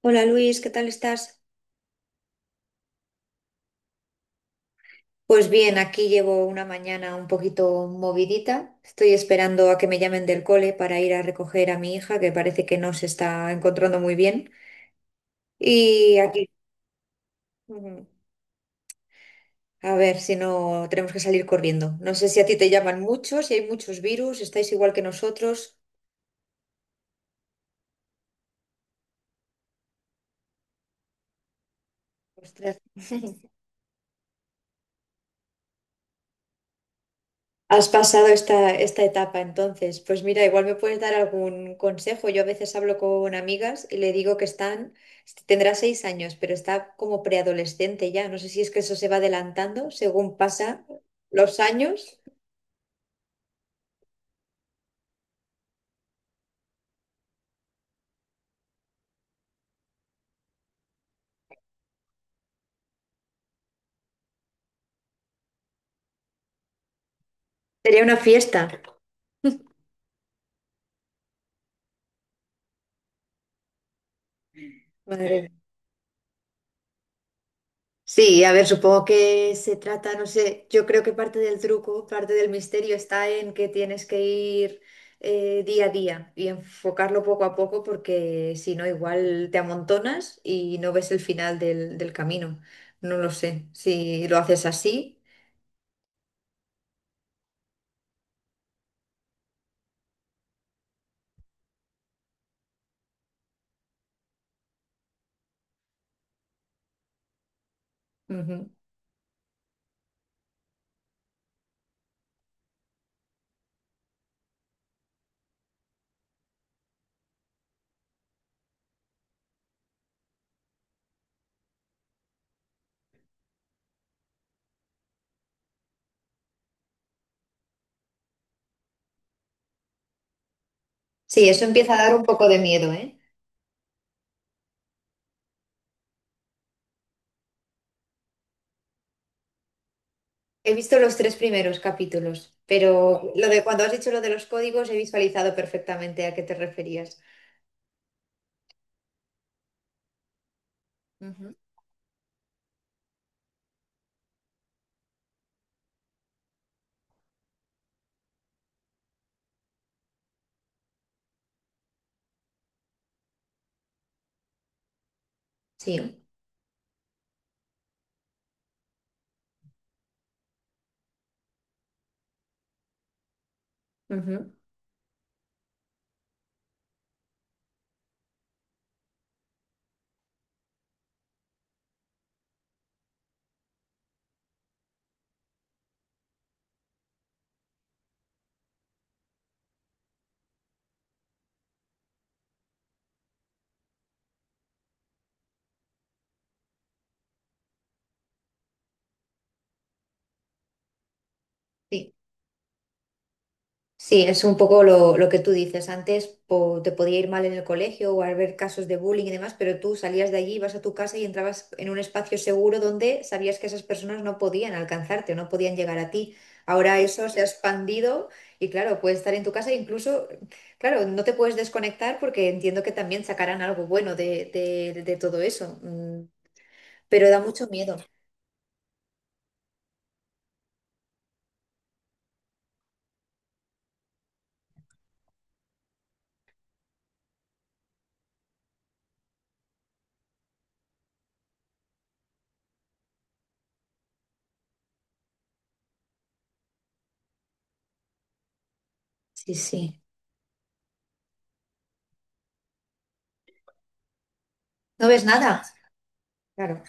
Hola Luis, ¿qué tal estás? Pues bien, aquí llevo una mañana un poquito movidita. Estoy esperando a que me llamen del cole para ir a recoger a mi hija, que parece que no se está encontrando muy bien. Y aquí, ujú, a ver si no tenemos que salir corriendo. No sé si a ti te llaman muchos, si hay muchos virus, estáis igual que nosotros. Ostras. Has pasado esta etapa entonces. Pues mira, igual me puedes dar algún consejo. Yo a veces hablo con amigas y le digo que están, tendrá 6 años, pero está como preadolescente ya. No sé si es que eso se va adelantando según pasa los años. Sería una fiesta. Madre, sí, a ver, supongo que se trata, no sé, yo creo que parte del truco, parte del misterio está en que tienes que ir día a día y enfocarlo poco a poco porque si no, igual te amontonas y no ves el final del camino. No lo sé, si lo haces así. Ujú. Sí, eso empieza a dar un poco de miedo, ¿eh? He visto los tres primeros capítulos, pero lo de cuando has dicho lo de los códigos he visualizado perfectamente a qué te referías. Ujú. Sí, ujú, sí. Sí, es un poco lo que tú dices. Antes te podía ir mal en el colegio o haber casos de bullying y demás, pero tú salías de allí, ibas a tu casa y entrabas en un espacio seguro donde sabías que esas personas no podían alcanzarte, no podían llegar a ti. Ahora eso se ha expandido y claro, puedes estar en tu casa e incluso, claro, no te puedes desconectar porque entiendo que también sacarán algo bueno de todo eso, pero da mucho miedo. Sí, sí. ¿No ves nada? Claro.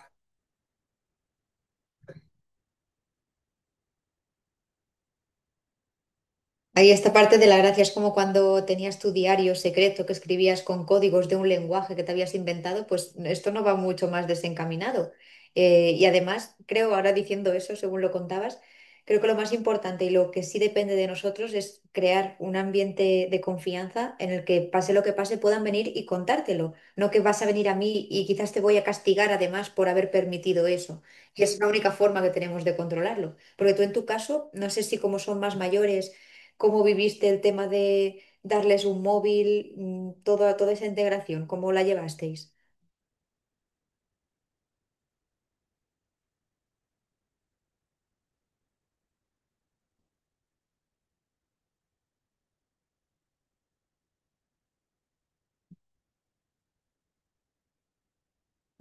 Ahí esta parte de la gracia es como cuando tenías tu diario secreto que escribías con códigos de un lenguaje que te habías inventado, pues esto no va mucho más desencaminado. Y además, creo, ahora diciendo eso, según lo contabas, creo que lo más importante y lo que sí depende de nosotros es crear un ambiente de confianza en el que pase lo que pase puedan venir y contártelo, no que vas a venir a mí y quizás te voy a castigar además por haber permitido eso. Y es la única forma que tenemos de controlarlo. Porque tú en tu caso, no sé si como son más mayores, ¿cómo viviste el tema de darles un móvil, toda esa integración? ¿Cómo la llevasteis?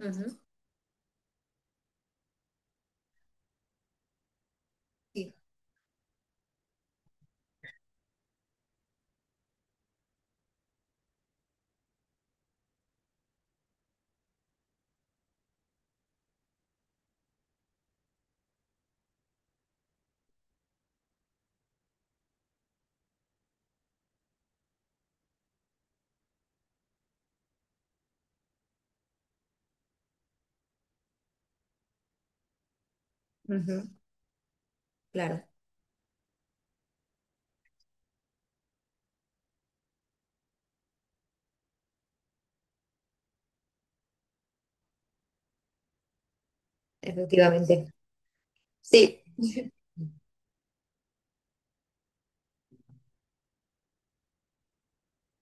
Ujú. Sí, ujú, claro, efectivamente. Sí.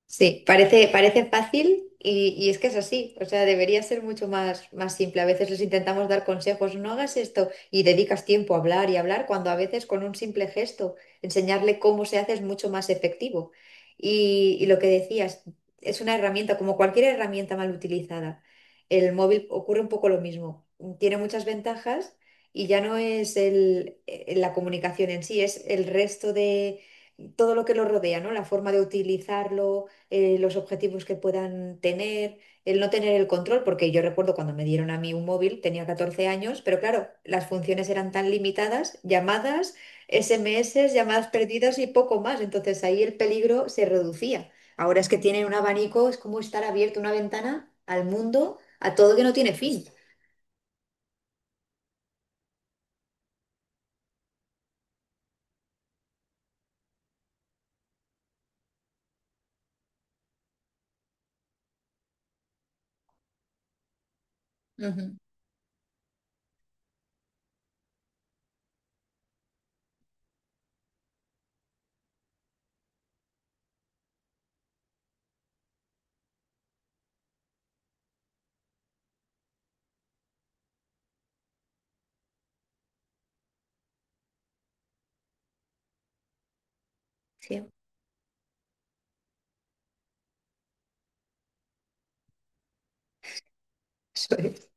Sí, parece, parece fácil y es que es así. O sea, debería ser mucho más, más simple. A veces les intentamos dar consejos, no hagas esto y dedicas tiempo a hablar y hablar cuando a veces con un simple gesto enseñarle cómo se hace es mucho más efectivo. Y lo que decías, es una herramienta, como cualquier herramienta mal utilizada. El móvil ocurre un poco lo mismo. Tiene muchas ventajas y ya no es el, la comunicación en sí, es el resto de todo lo que lo rodea, ¿no? La forma de utilizarlo, los objetivos que puedan tener, el no tener el control, porque yo recuerdo cuando me dieron a mí un móvil, tenía 14 años, pero claro, las funciones eran tan limitadas, llamadas, SMS, llamadas perdidas y poco más, entonces ahí el peligro se reducía. Ahora es que tienen un abanico, es como estar abierto una ventana al mundo, a todo que no tiene fin. Ujú. Sí. Eso es.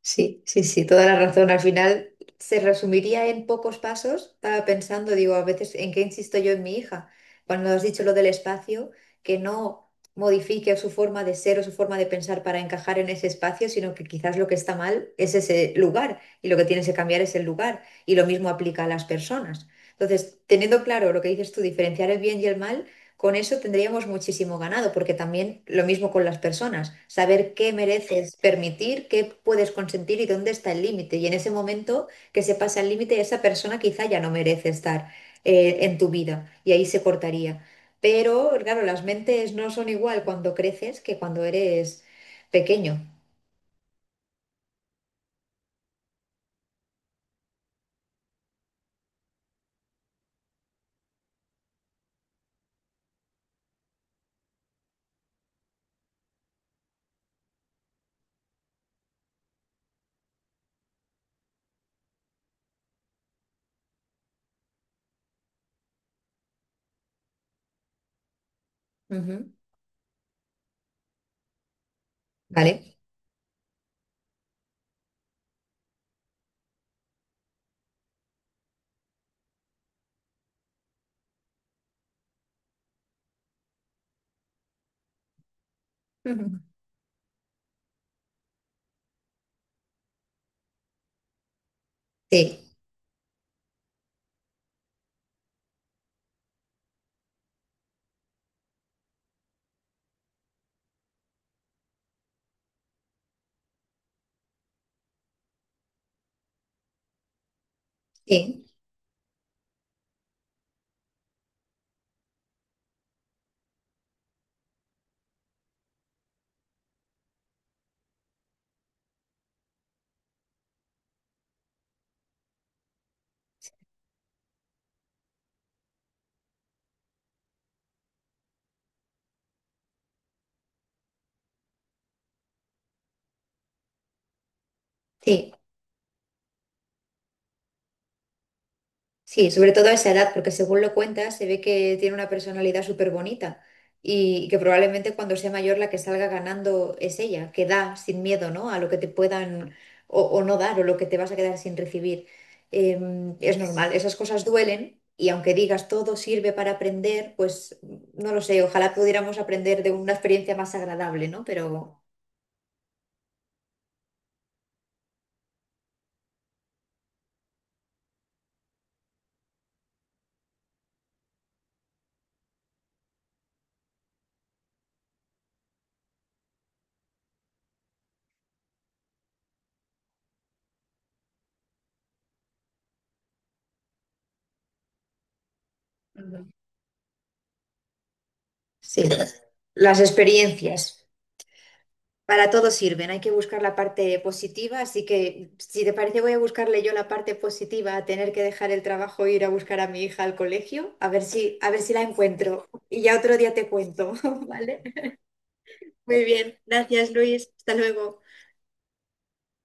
Sí, sí, sí, toda la razón. Al final se resumiría en pocos pasos. Estaba pensando, digo, a veces en qué insisto yo en mi hija. Cuando has dicho lo del espacio, que no modifique su forma de ser o su forma de pensar para encajar en ese espacio, sino que quizás lo que está mal es ese lugar y lo que tienes que cambiar es el lugar. Y lo mismo aplica a las personas. Entonces, teniendo claro lo que dices tú, diferenciar el bien y el mal. Con eso tendríamos muchísimo ganado, porque también lo mismo con las personas, saber qué mereces permitir, qué puedes consentir y dónde está el límite. Y en ese momento que se pasa el límite, esa persona quizá ya no merece estar, en tu vida y ahí se cortaría. Pero claro, las mentes no son igual cuando creces que cuando eres pequeño. Ujú. ¿Vale? Ujú. Sí, sí, sí. Sí, sobre todo a esa edad, porque según lo cuentas, se ve que tiene una personalidad súper bonita y que probablemente cuando sea mayor la que salga ganando es ella, que da sin miedo, ¿no? A lo que te puedan o no dar o lo que te vas a quedar sin recibir. Es normal, esas cosas duelen y aunque digas todo sirve para aprender, pues no lo sé, ojalá pudiéramos aprender de una experiencia más agradable, ¿no? Pero ujú, sí, las experiencias. Para todo sirven, hay que buscar la parte positiva, así que si te parece voy a buscarle yo la parte positiva a tener que dejar el trabajo e ir a buscar a mi hija al colegio, a ver si la encuentro y ya otro día te cuento, ¿vale? Muy bien, gracias Luis, hasta luego.